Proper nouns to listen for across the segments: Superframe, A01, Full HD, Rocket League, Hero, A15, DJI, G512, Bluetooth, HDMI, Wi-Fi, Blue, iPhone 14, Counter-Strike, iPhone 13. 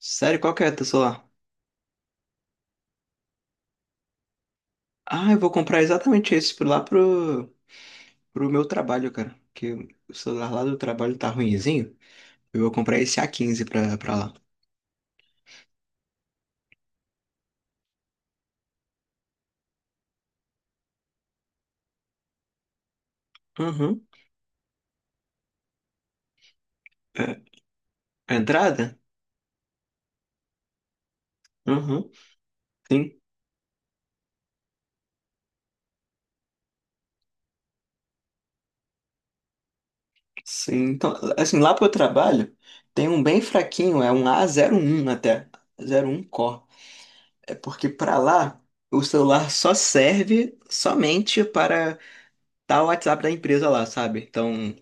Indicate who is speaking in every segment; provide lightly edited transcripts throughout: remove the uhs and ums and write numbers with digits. Speaker 1: Sério, qual que é teu celular? Ah, eu vou comprar exatamente lá pro meu trabalho, cara. Que o celular lá do trabalho tá ruinzinho. Eu vou comprar esse A15 pra lá. Uhum. É, a entrada? Uhum. Sim. Sim. Então, assim, lá pro trabalho tem um bem fraquinho, é um A01 até. 01 Core. É porque pra lá o celular só serve somente para dar o WhatsApp da empresa lá, sabe? Então.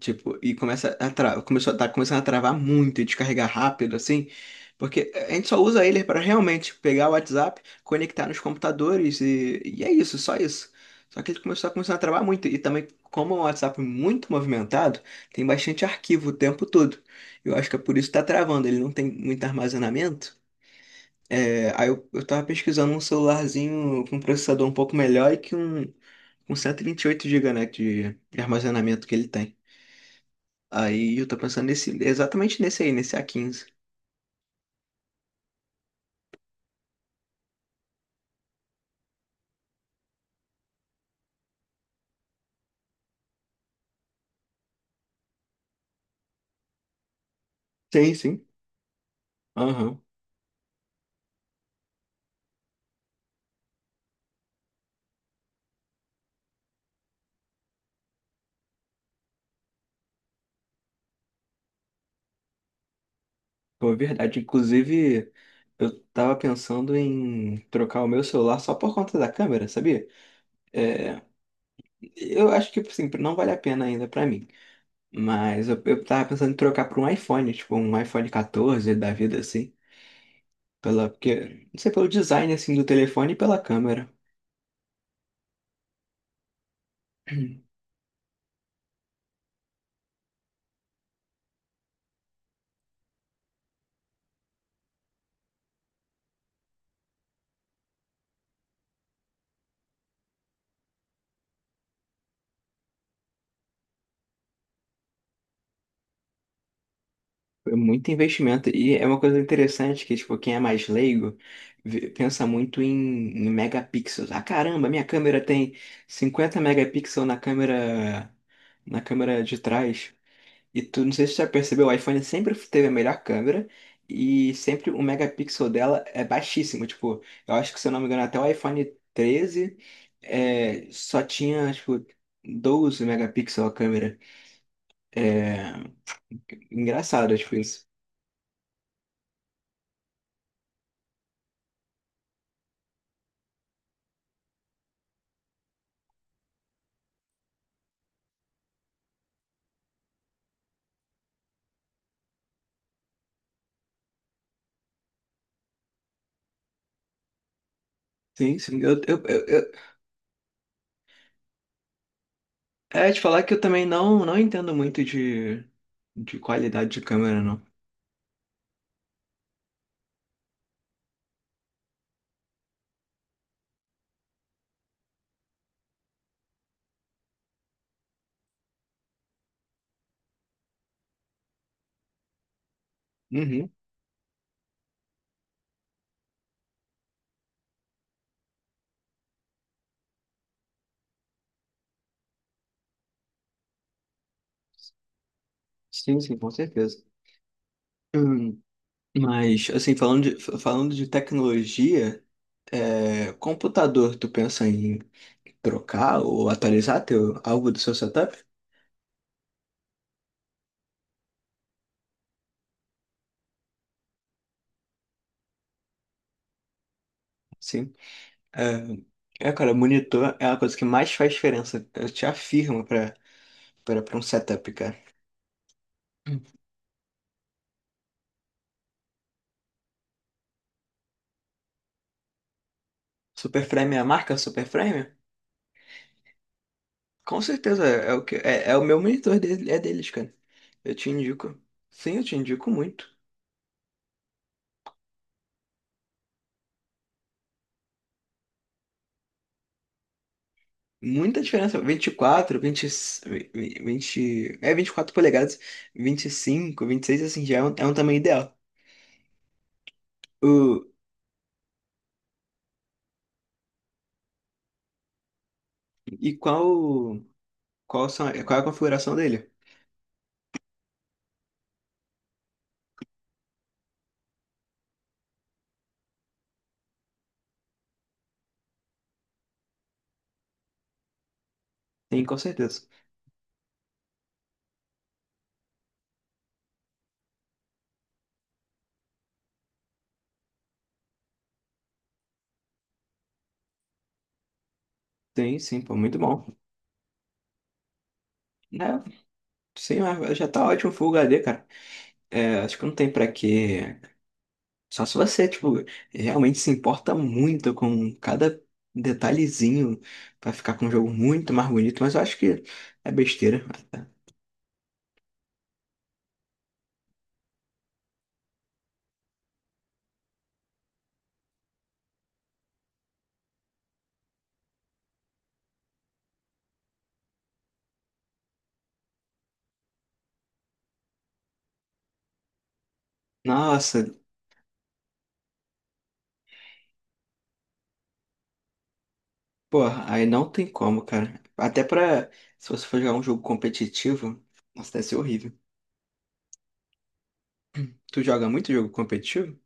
Speaker 1: Tipo, tá começando a travar muito e descarregar rápido, assim, porque a gente só usa ele para realmente pegar o WhatsApp, conectar nos computadores e é isso. Só que ele começou a começar a travar muito e também, como é um WhatsApp muito movimentado, tem bastante arquivo o tempo todo. Eu acho que é por isso que tá travando, ele não tem muito armazenamento. É. Aí eu tava pesquisando um celularzinho com um processador um pouco melhor e que um. Com 128 GB, né, de armazenamento que ele tem. Aí eu tô pensando nesse, exatamente nesse aí, nesse a quinze. Sim, sim. Aham. Pô, é verdade. Inclusive, eu tava pensando em trocar o meu celular só por conta da câmera, sabia? É, eu acho que, assim, não vale a pena ainda pra mim. Mas eu tava pensando em trocar por um iPhone, tipo um iPhone 14 da vida, assim. Porque, não sei, pelo design, assim, do telefone e pela câmera. É muito investimento. E é uma coisa interessante que, tipo, quem é mais leigo pensa muito em megapixels. Ah, caramba, minha câmera tem 50 megapixels na câmera de trás. E tu, não sei se você já percebeu, o iPhone sempre teve a melhor câmera e sempre o megapixel dela é baixíssimo. Tipo, eu acho que, se eu não me engano, até o iPhone treze é, só tinha, tipo, 12 megapixels a câmera. É engraçado, tipo, isso. Sim, sim. É te falar que eu também não, não entendo muito de qualidade de câmera, não. Uhum. Sim, sim, com certeza. Hum, Mas, assim, falando de tecnologia, é, computador, tu pensa em trocar ou atualizar teu, algo do seu setup? Sim. É, é, cara, monitor é a coisa que mais faz diferença. Eu te afirmo pra um setup, cara. Hum. Superframe é a marca Superframe? Com certeza, é é o meu monitor dele, é deles, cara. Eu te indico. Sim, eu te indico muito. Muita diferença. Vinte e quatro, 24 polegadas, vinte, vinte e cinco, vinte e seis, assim, já é é um tamanho ideal. O, e qual, qual é a configuração dele? Tem, com certeza. Tem, sim, pô, muito bom. É, sim, mas já tá ótimo o Full HD, cara. É, acho que não tem pra quê. Só se você, tipo, realmente se importa muito com cada detalhezinho pra ficar com um jogo muito mais bonito, mas eu acho que é besteira. Nossa, porra, aí não tem como, cara. Se você for jogar um jogo competitivo, nossa, deve ser horrível. Tu joga muito jogo competitivo?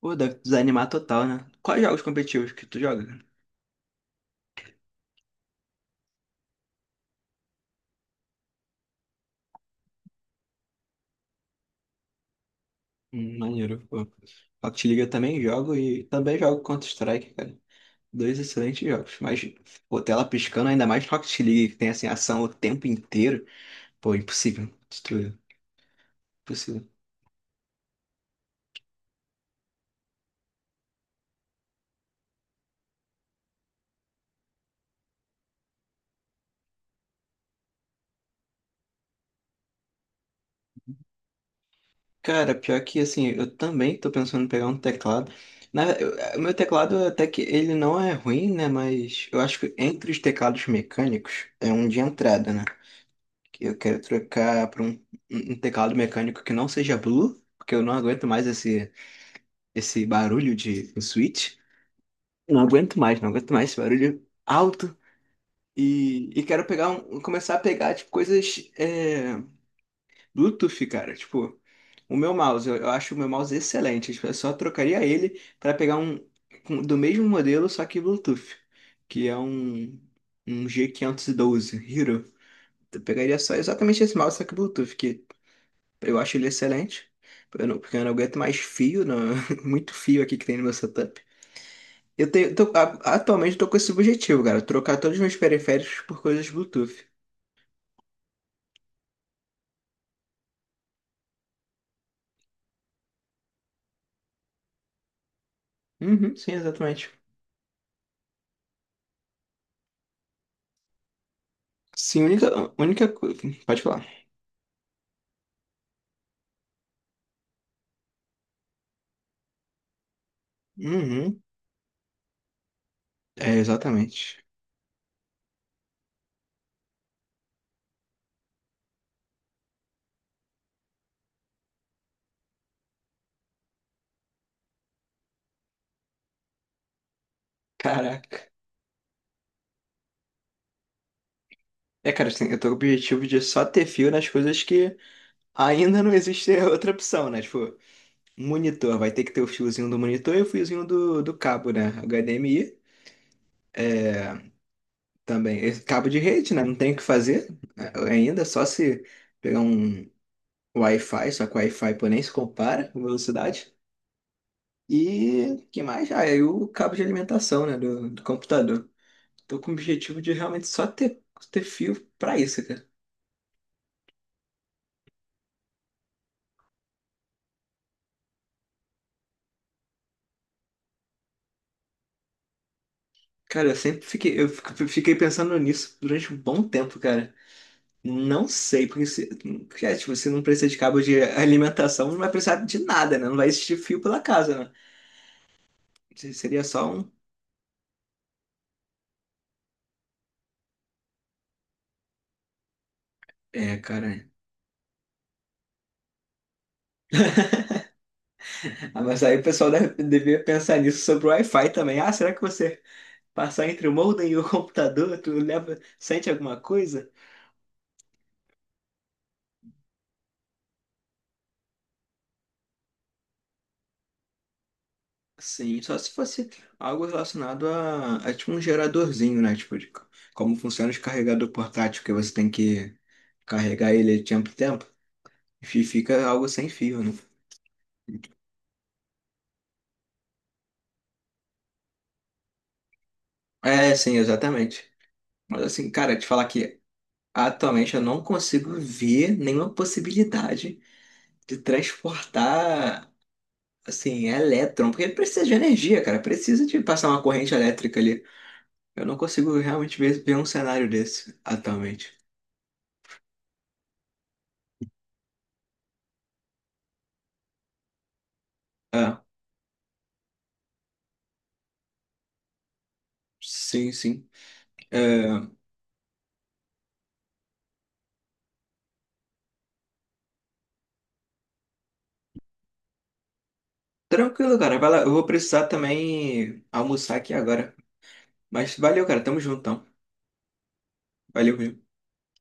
Speaker 1: Pô, deve desanimar total, né? Quais jogos competitivos que tu joga, cara? Maneiro, pô. Rocket League eu também jogo e também jogo Counter-Strike, cara. Dois excelentes jogos. Mas, pô, tela piscando, ainda mais Rocket League, que tem, assim, ação o tempo inteiro. Pô, impossível. Destruir. Impossível. Cara, pior que assim, eu também tô pensando em pegar um teclado. O meu teclado até que ele não é ruim, né? Mas eu acho que entre os teclados mecânicos é um de entrada, né? Que eu quero trocar um teclado mecânico que não seja Blue, porque eu não aguento mais esse, esse barulho de switch. Não aguento mais, não aguento mais esse barulho alto. E quero pegar um, começar a pegar tipo, coisas. Bluetooth, cara. Tipo, o meu mouse, eu acho o meu mouse excelente. Tipo, eu só trocaria ele para pegar um do mesmo modelo, só que Bluetooth, que é um, um G512, Hero. Eu pegaria só exatamente esse mouse, só que Bluetooth, que eu acho ele excelente. Eu não- Porque eu não aguento mais fio, não, muito fio aqui que tem no meu setup. Eu tenho, tô- a- Atualmente eu tô com esse objetivo, cara, trocar todos os meus periféricos por coisas Bluetooth. Uhum, sim, exatamente. Sim, única coisa. Pode falar. Uhum. É, exatamente. Caraca. É, cara, assim, eu tô com o objetivo de só ter fio nas coisas que ainda não existe outra opção, né? Tipo, monitor, vai ter que ter o fiozinho do monitor e o fiozinho do cabo, né? HDMI também. Esse cabo de rede, né? Não tem o que fazer né? Ainda, é só se pegar um Wi-Fi, só que o Wi-Fi, pô, nem se compara com velocidade. E que mais? Ah, e o cabo de alimentação, né? Do computador. Tô com o objetivo de realmente só ter, ter fio pra isso. Cara, eu fiquei pensando nisso durante um bom tempo, cara. Não sei, porque, é, tipo, se não precisa de cabo de alimentação, não vai precisar de nada, né? Não vai existir fio pela casa, né? Seria só um. É, cara. Ah, mas aí o pessoal deve, devia pensar nisso sobre o Wi-Fi também. Ah, será que você passar entre o modem e o computador, tu leva, sente alguma coisa? Sim, só se fosse algo relacionado a tipo um geradorzinho, né? Tipo, como funciona os carregador portátil, que você tem que carregar ele de tempo em tempo, e fica algo sem fio, né? É, sim, exatamente. Mas assim, cara, te falar que atualmente eu não consigo ver nenhuma possibilidade de transportar, assim, elétron, porque precisa de energia, cara, precisa de passar uma corrente elétrica ali. Eu não consigo realmente ver um cenário desse atualmente. Ah, sim, sim. É, tranquilo, cara. Vai lá. Eu vou precisar também almoçar aqui agora. Mas valeu, cara. Tamo juntão. Valeu mesmo.